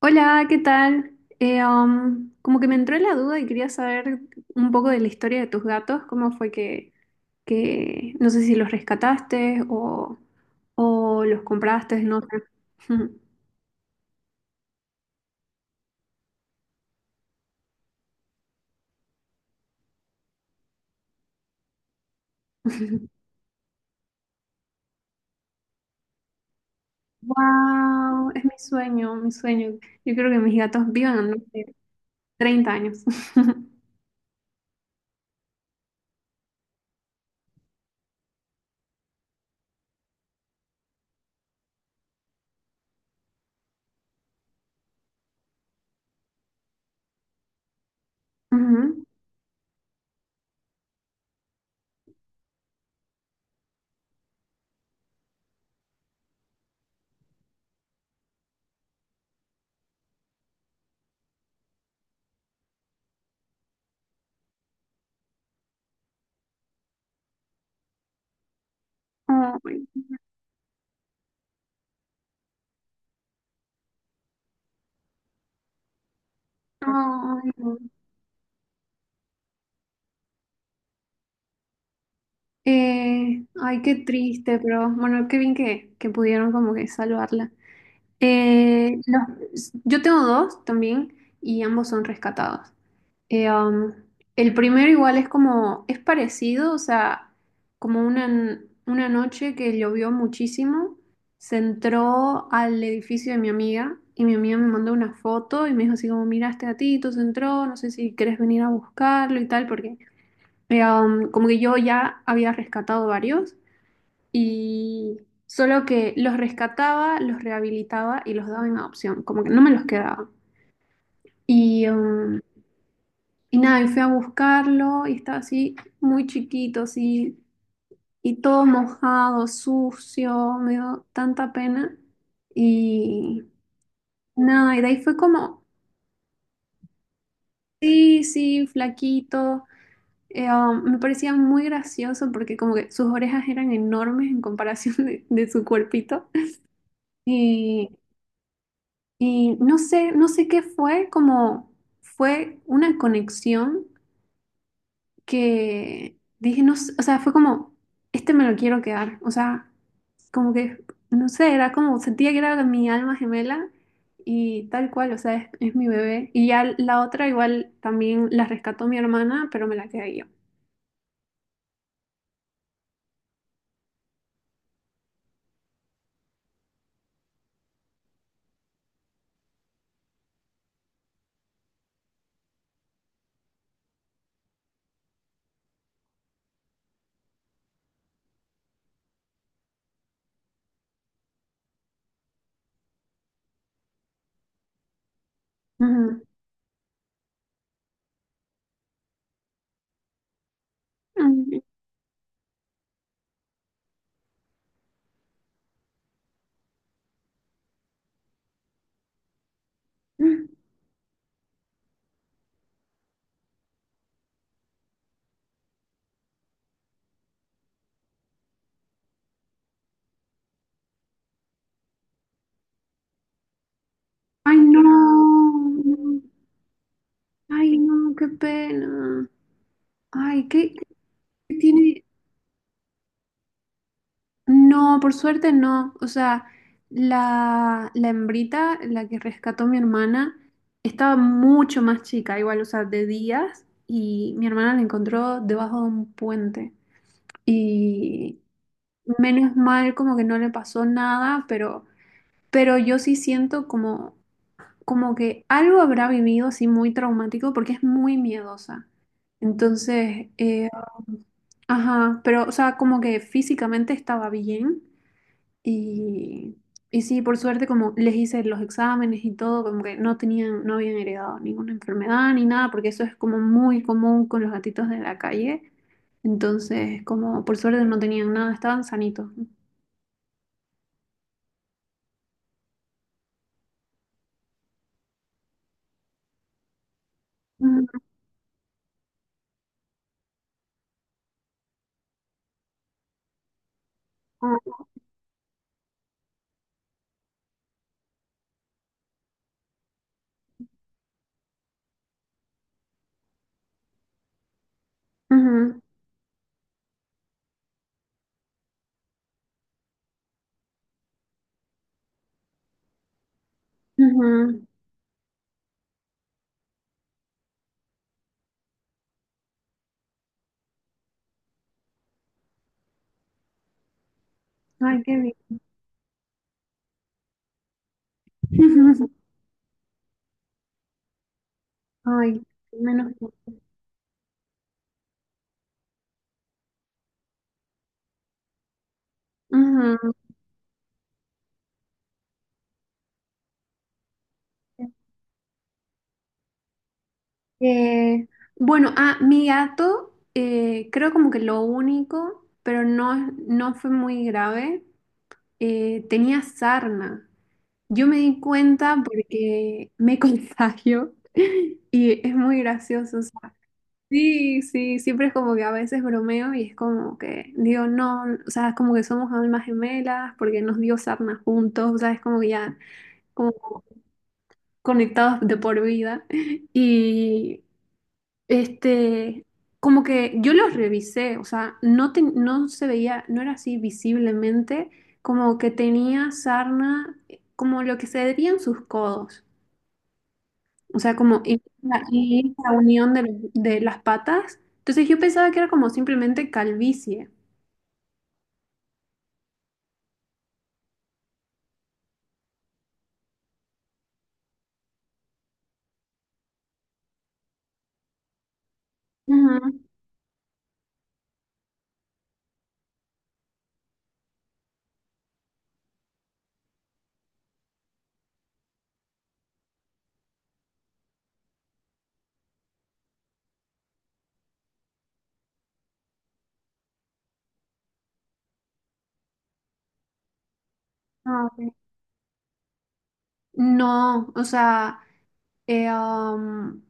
Hola, ¿qué tal? Como que me entró la duda y quería saber un poco de la historia de tus gatos, cómo fue que no sé si los rescataste o los compraste, no sé. Wow, es mi sueño, mi sueño. Yo creo que mis gatos vivan, no sé, 30 años. Ujú. Ay, ay, no. Ay, qué triste, pero bueno, qué bien que pudieron como que salvarla. Yo tengo dos también y ambos son rescatados. Eh, um, el primero igual es como, es parecido, o sea, como una, n- una noche que llovió muchísimo, se entró al edificio de mi amiga y mi amiga me mandó una foto y me dijo así como, mira, este gatito se entró, no sé si querés venir a buscarlo y tal, porque como que yo ya había rescatado varios y solo que los rescataba, los rehabilitaba y los daba en adopción, como que no me los quedaba. Y, um, y nada, y fui a buscarlo y estaba así muy chiquito, así, y todo mojado, sucio, me dio tanta pena. Y nada, y de ahí fue como, sí, sí, flaquito. Me parecía muy gracioso porque como que sus orejas eran enormes en comparación de su cuerpito. Y, Y no sé, no sé qué fue, como fue una conexión que dije, no, sé, o sea, fue como, este me lo quiero quedar, o sea, como que, no sé, era como, sentía que era mi alma gemela y tal cual, o sea, es mi bebé. Y ya la otra igual también la rescató mi hermana, pero me la quedé yo. Ujú. Mm. Ay, no, ay, no, qué pena. Ay, ¿qué, qué tiene? No, por suerte no. O sea, la hembrita, la que rescató mi hermana, estaba mucho más chica, igual, o sea, de días, y mi hermana la encontró debajo de un puente. Y menos mal como que no le pasó nada, pero yo sí siento como, como que algo habrá vivido así muy traumático porque es muy miedosa. Entonces, eh, ajá, pero, o sea, como que físicamente estaba bien y, y sí, por suerte, como les hice los exámenes y todo, como que no tenían, no habían heredado ninguna enfermedad ni nada, porque eso es como muy común con los gatitos de la calle. Entonces, como por suerte no tenían nada, estaban sanitos. Ujú, ujú, ujú. Ay, qué bien. Ay, menos mal. Ujú. Eh, bueno, ah, mi gato, creo como que lo único, pero no, no fue muy grave, tenía sarna. Yo me di cuenta porque me contagio y es muy gracioso. O sea, sí, sí, siempre es como que a veces bromeo y es como que digo, no, o sea, es como que somos almas gemelas porque nos dio sarna juntos, o sea, es como que ya como conectados de por vida. Y este, como que yo los revisé, o sea, no, no se veía, no era así visiblemente, como que tenía sarna, como lo que se veía en sus codos, o sea, como en en esa unión de las patas. Entonces yo pensaba que era como simplemente calvicie. Ujú. Ah, ok. No, o sea, Eh, am,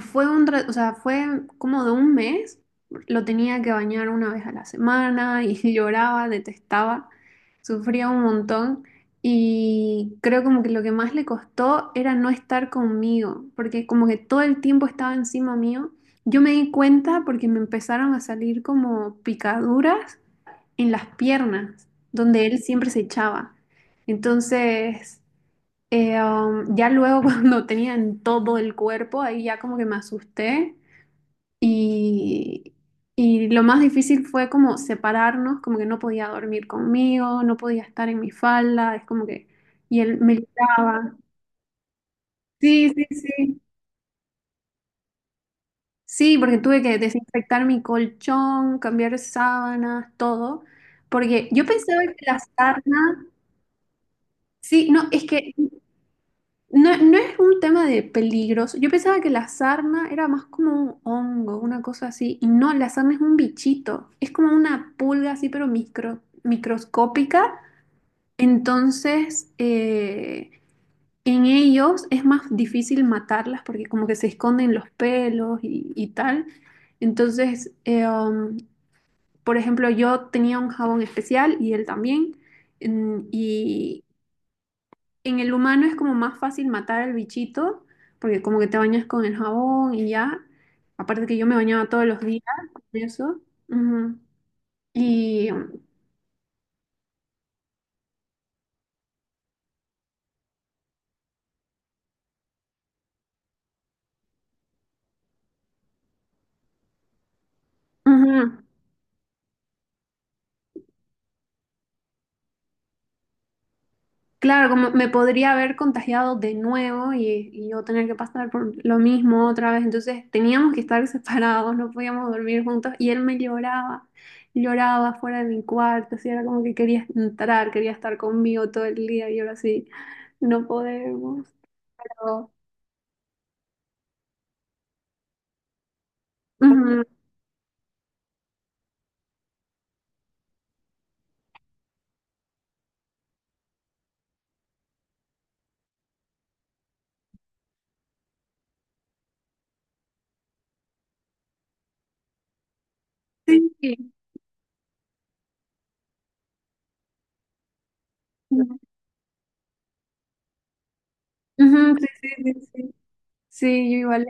fue un, o sea, fue como de un mes. Lo tenía que bañar una vez a la semana y lloraba, detestaba, sufría un montón. Y creo como que lo que más le costó era no estar conmigo, porque como que todo el tiempo estaba encima mío. Yo me di cuenta porque me empezaron a salir como picaduras en las piernas, donde él siempre se echaba. Entonces... ya luego cuando tenía en todo el cuerpo, ahí ya como que me asusté y, y lo más difícil fue como separarnos, como que no podía dormir conmigo, no podía estar en mi falda, es como que, y él me gritaba. Sí, sí, sí. Sí, porque tuve que desinfectar mi colchón, cambiar sábanas, todo, porque yo pensaba que la sarna, sí, no, es que no, no es un tema de peligros. Yo pensaba que la sarna era más como un hongo, una cosa así. Y no, la sarna es un bichito. Es como una pulga así, pero microscópica. Entonces, eh, en ellos es más difícil matarlas porque como que se esconden los pelos y tal. Entonces, eh, um, por ejemplo, yo tenía un jabón especial y él también. Mm, y en el humano es como más fácil matar al bichito, porque como que te bañas con el jabón y ya. Aparte que yo me bañaba todos los días con eso. Ujú. Y ujú. Claro, como me podría haber contagiado de nuevo y yo tener que pasar por lo mismo otra vez. Entonces teníamos que estar separados, no podíamos dormir juntos. Y él me lloraba, lloraba fuera de mi cuarto. Así era como que quería entrar, quería estar conmigo todo el día y ahora sí, no podemos. Pero, ujú. Sí, ujú, sí, sí, sí, sí, sí, yo igual.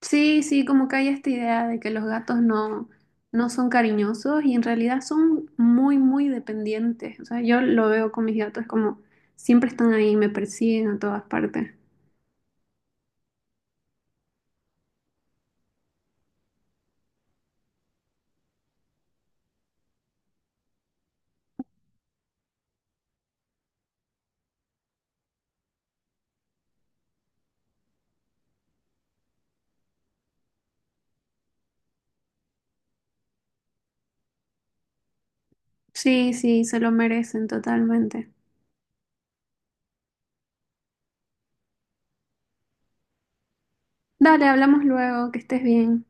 Sí, sí, como que hay esta idea de que los gatos no, no son cariñosos y en realidad son muy, muy dependientes. O sea, yo lo veo con mis gatos como siempre están ahí, me persiguen a todas partes. Sí, sí, se lo merecen totalmente. Dale, hablamos luego, que estés bien.